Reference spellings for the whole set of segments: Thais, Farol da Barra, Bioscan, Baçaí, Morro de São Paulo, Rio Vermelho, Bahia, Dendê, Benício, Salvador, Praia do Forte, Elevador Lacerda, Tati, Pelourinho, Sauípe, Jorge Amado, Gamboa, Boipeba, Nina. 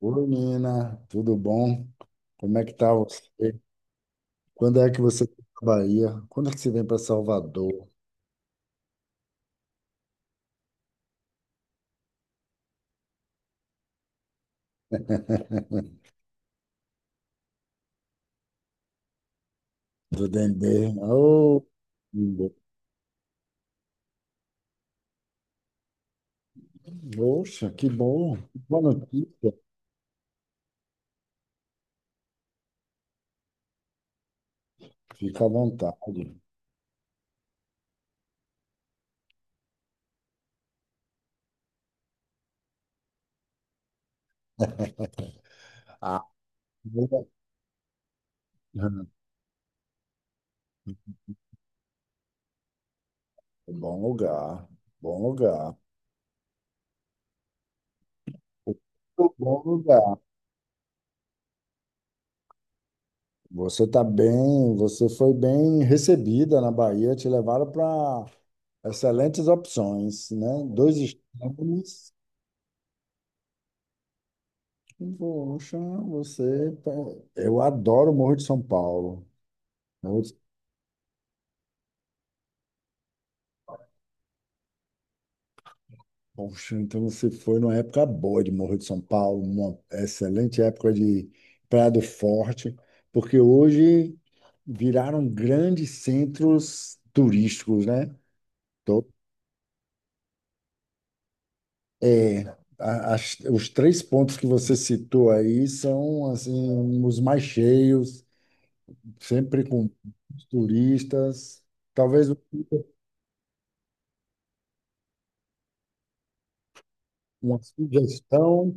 Oi, Nina, tudo bom? Como é que tá você? Quando é que você está na Bahia? Quando é que você vem para Salvador, do Dendê? Oh, que bom. Poxa, que bom. Boa notícia. Fica à vontade. Ah, boa. Uhum. Bom lugar, bom lugar. Bom lugar. Você está bem, você foi bem recebida na Bahia, te levaram para excelentes opções, né? Dois extremos. Poxa, você. Eu adoro o Morro de São Paulo. Eu- Poxa, então você foi numa época boa de Morro de São Paulo, uma excelente época de Praia do Forte, porque hoje viraram grandes centros turísticos, né? Então, é, os três pontos que você citou aí são assim, os mais cheios, sempre com turistas. Talvez uma sugestão.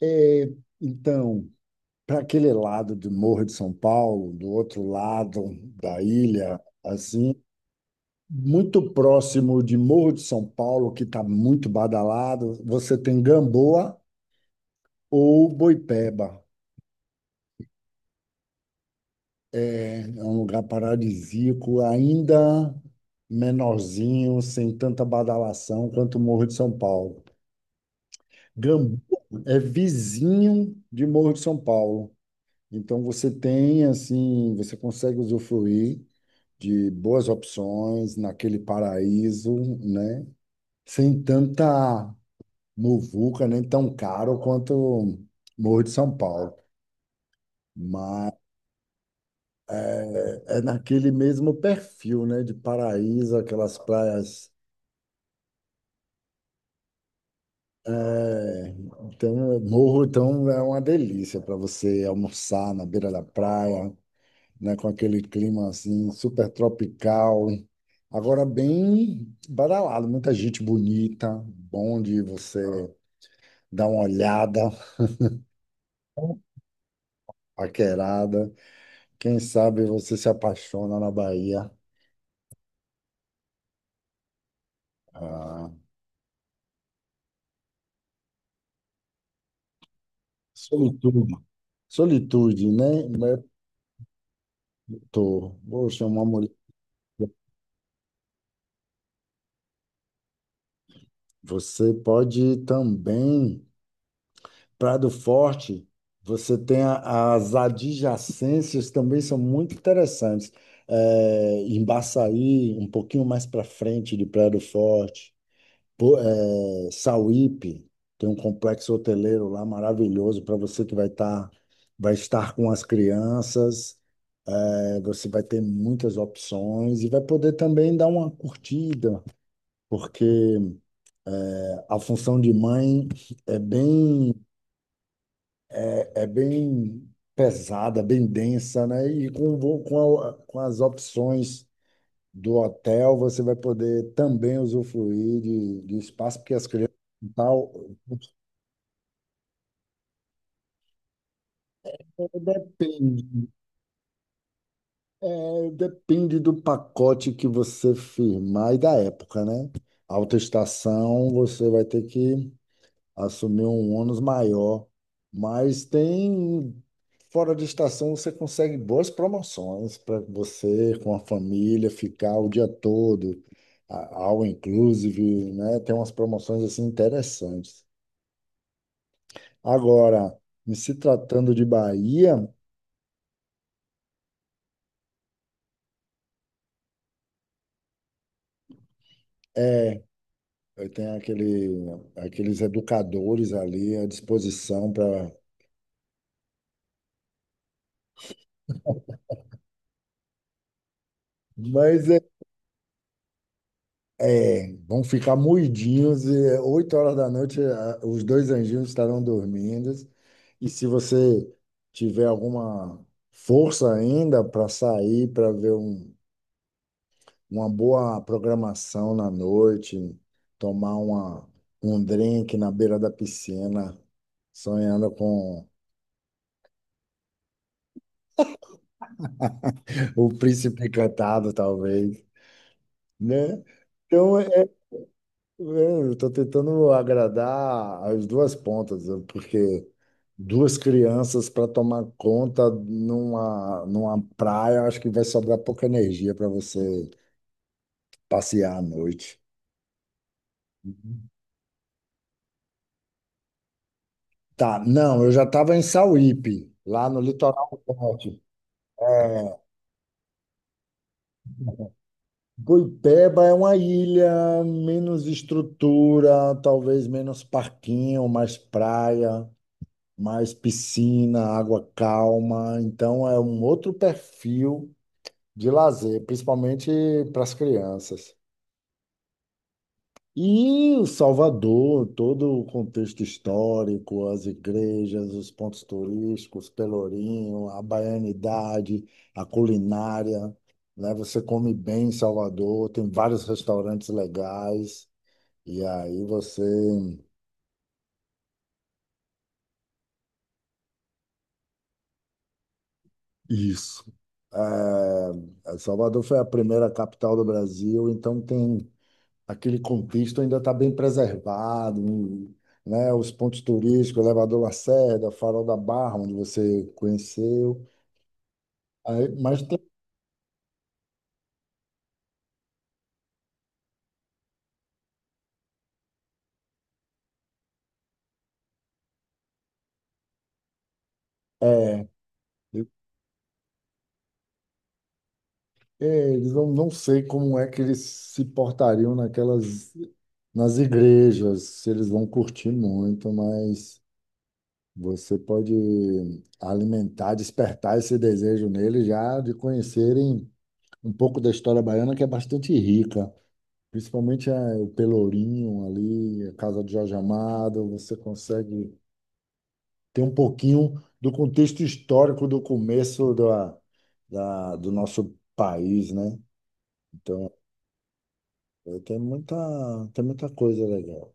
É, então, para aquele lado do Morro de São Paulo, do outro lado da ilha, assim, muito próximo de Morro de São Paulo, que está muito badalado, você tem Gamboa ou Boipeba. Né? É um lugar paradisíaco, ainda menorzinho, sem tanta badalação quanto o Morro de São Paulo. Gamboa é vizinho de Morro de São Paulo. Então você tem assim, você consegue usufruir de boas opções naquele paraíso, né? Sem tanta muvuca, nem tão caro quanto Morro de São Paulo. Mas é naquele mesmo perfil, né? De paraíso, aquelas praias. É, Então, Morro, então, é uma delícia para você almoçar na beira da praia, né? Com aquele clima, assim, super tropical. Agora, bem badalado, muita gente bonita, bom de você dá uma olhada, paquerada. Quem sabe você se apaixona na Bahia. Ah, solitude. Solitude, né? Tô. Poxa, uma mulher. Você pode ir também. Prado Forte, você tem as adjacências também são muito interessantes. Em Baçaí, um pouquinho mais para frente de Prado Forte. Sauípe, tem um complexo hoteleiro lá maravilhoso para você que vai estar com as crianças. É, você vai ter muitas opções e vai poder também dar uma curtida, porque a função de mãe é bem é bem pesada, bem densa, né? E com, vo- com, a- com as opções do hotel, você vai poder também usufruir de espaço, porque as crianças depende. É, depende do pacote que você firmar e da época, né? Alta estação, você vai ter que assumir um ônus maior, mas tem fora de estação você consegue boas promoções para você com a família ficar o dia todo, all inclusive, né? Tem umas promoções assim interessantes. Agora, em se tratando de Bahia, é, eu tenho aqueles educadores ali à disposição para. Mas é, vão ficar moidinhos e é, 8 horas da noite os dois anjinhos estarão dormindo. E se você tiver alguma força ainda para sair, para ver uma boa programação na noite, tomar um drink na beira da piscina, sonhando com o príncipe encantado, talvez. Né? Então, eu estou tentando agradar as duas pontas, né, porque duas crianças para tomar conta numa praia, acho que vai sobrar pouca energia para você passear à noite. Tá, não, eu já estava em Sauípe, lá no litoral norte. É, Guipeba é uma ilha menos estrutura, talvez menos parquinho, mais praia. Mais piscina, água calma. Então é um outro perfil de lazer, principalmente para as crianças. E o Salvador, todo o contexto histórico, as igrejas, os pontos turísticos, Pelourinho, a baianidade, a culinária, né? Você come bem em Salvador, tem vários restaurantes legais, e aí você isso. É, Salvador foi a primeira capital do Brasil, então tem aquele contexto ainda está bem preservado, né? Os pontos turísticos, Elevador Lacerda, Farol da Barra, onde você conheceu. Aí, é, eu- é, eles não, não sei como é que eles se portariam naquelas nas igrejas, se eles vão curtir muito, mas você pode alimentar, despertar esse desejo nele já de conhecerem um pouco da história baiana, que é bastante rica. Principalmente eh, o Pelourinho ali, a casa de Jorge Amado, você consegue ter um pouquinho do contexto histórico do começo do nosso país, né? Então, eh, tem muita, tem muita coisa legal.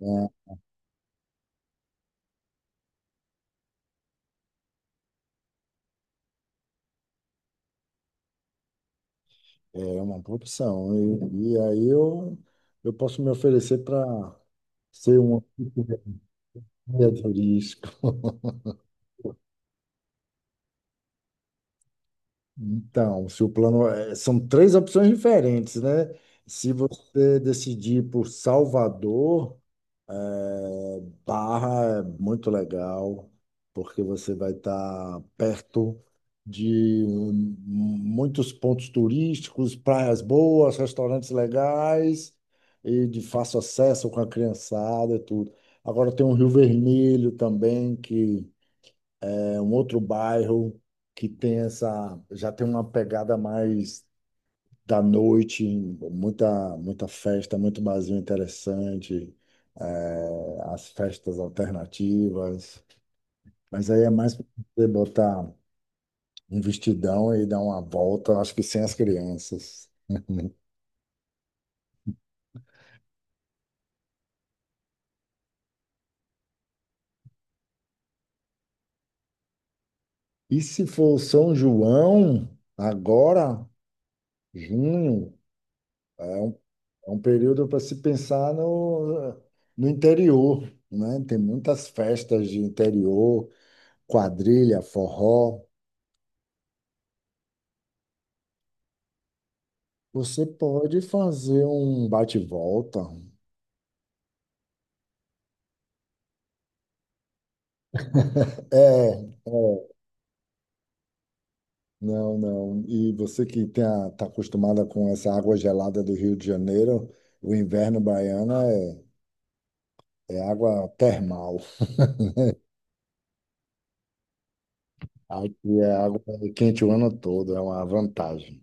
Né? É uma opção. E, e aí eu, eu posso me oferecer para ser um. Guia turístico. Então, se o plano são três opções diferentes, né? Se você decidir por Salvador, é, Barra é muito legal, porque você vai estar perto de muitos pontos turísticos, praias boas, restaurantes legais e de fácil acesso com a criançada e tudo. Agora tem o Rio Vermelho também, que é um outro bairro que tem essa, já tem uma pegada mais da noite, muita festa, muito barzinho interessante, é, as festas alternativas. Mas aí é mais para você botar um vestidão e dar uma volta, acho que sem as crianças. E se for São João, agora, junho, é um é um período para se pensar no interior, né? Tem muitas festas de interior, quadrilha, forró. Você pode fazer um bate-volta. É, é, não, não. E você que está acostumada com essa água gelada do Rio de Janeiro, o inverno baiano é água termal. Aqui é água quente o ano todo, é uma vantagem.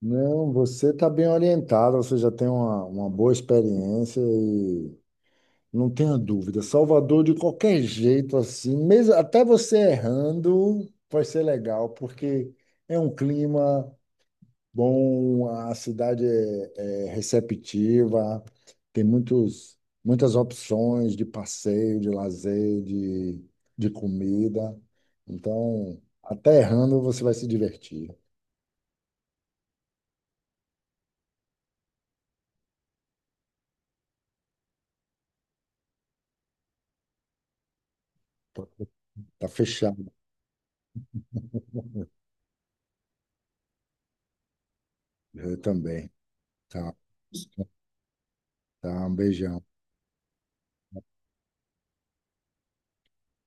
Não, você está bem orientado, você já tem uma boa experiência e não tenha dúvida. Salvador, de qualquer jeito, assim, mesmo até você errando, vai ser legal, porque é um clima bom, a cidade é receptiva, tem muitos, muitas opções de passeio, de lazer, de comida. Então, até errando, você vai se divertir. Tá tá, fechado, eh, também. Tá. Tá, um beijão.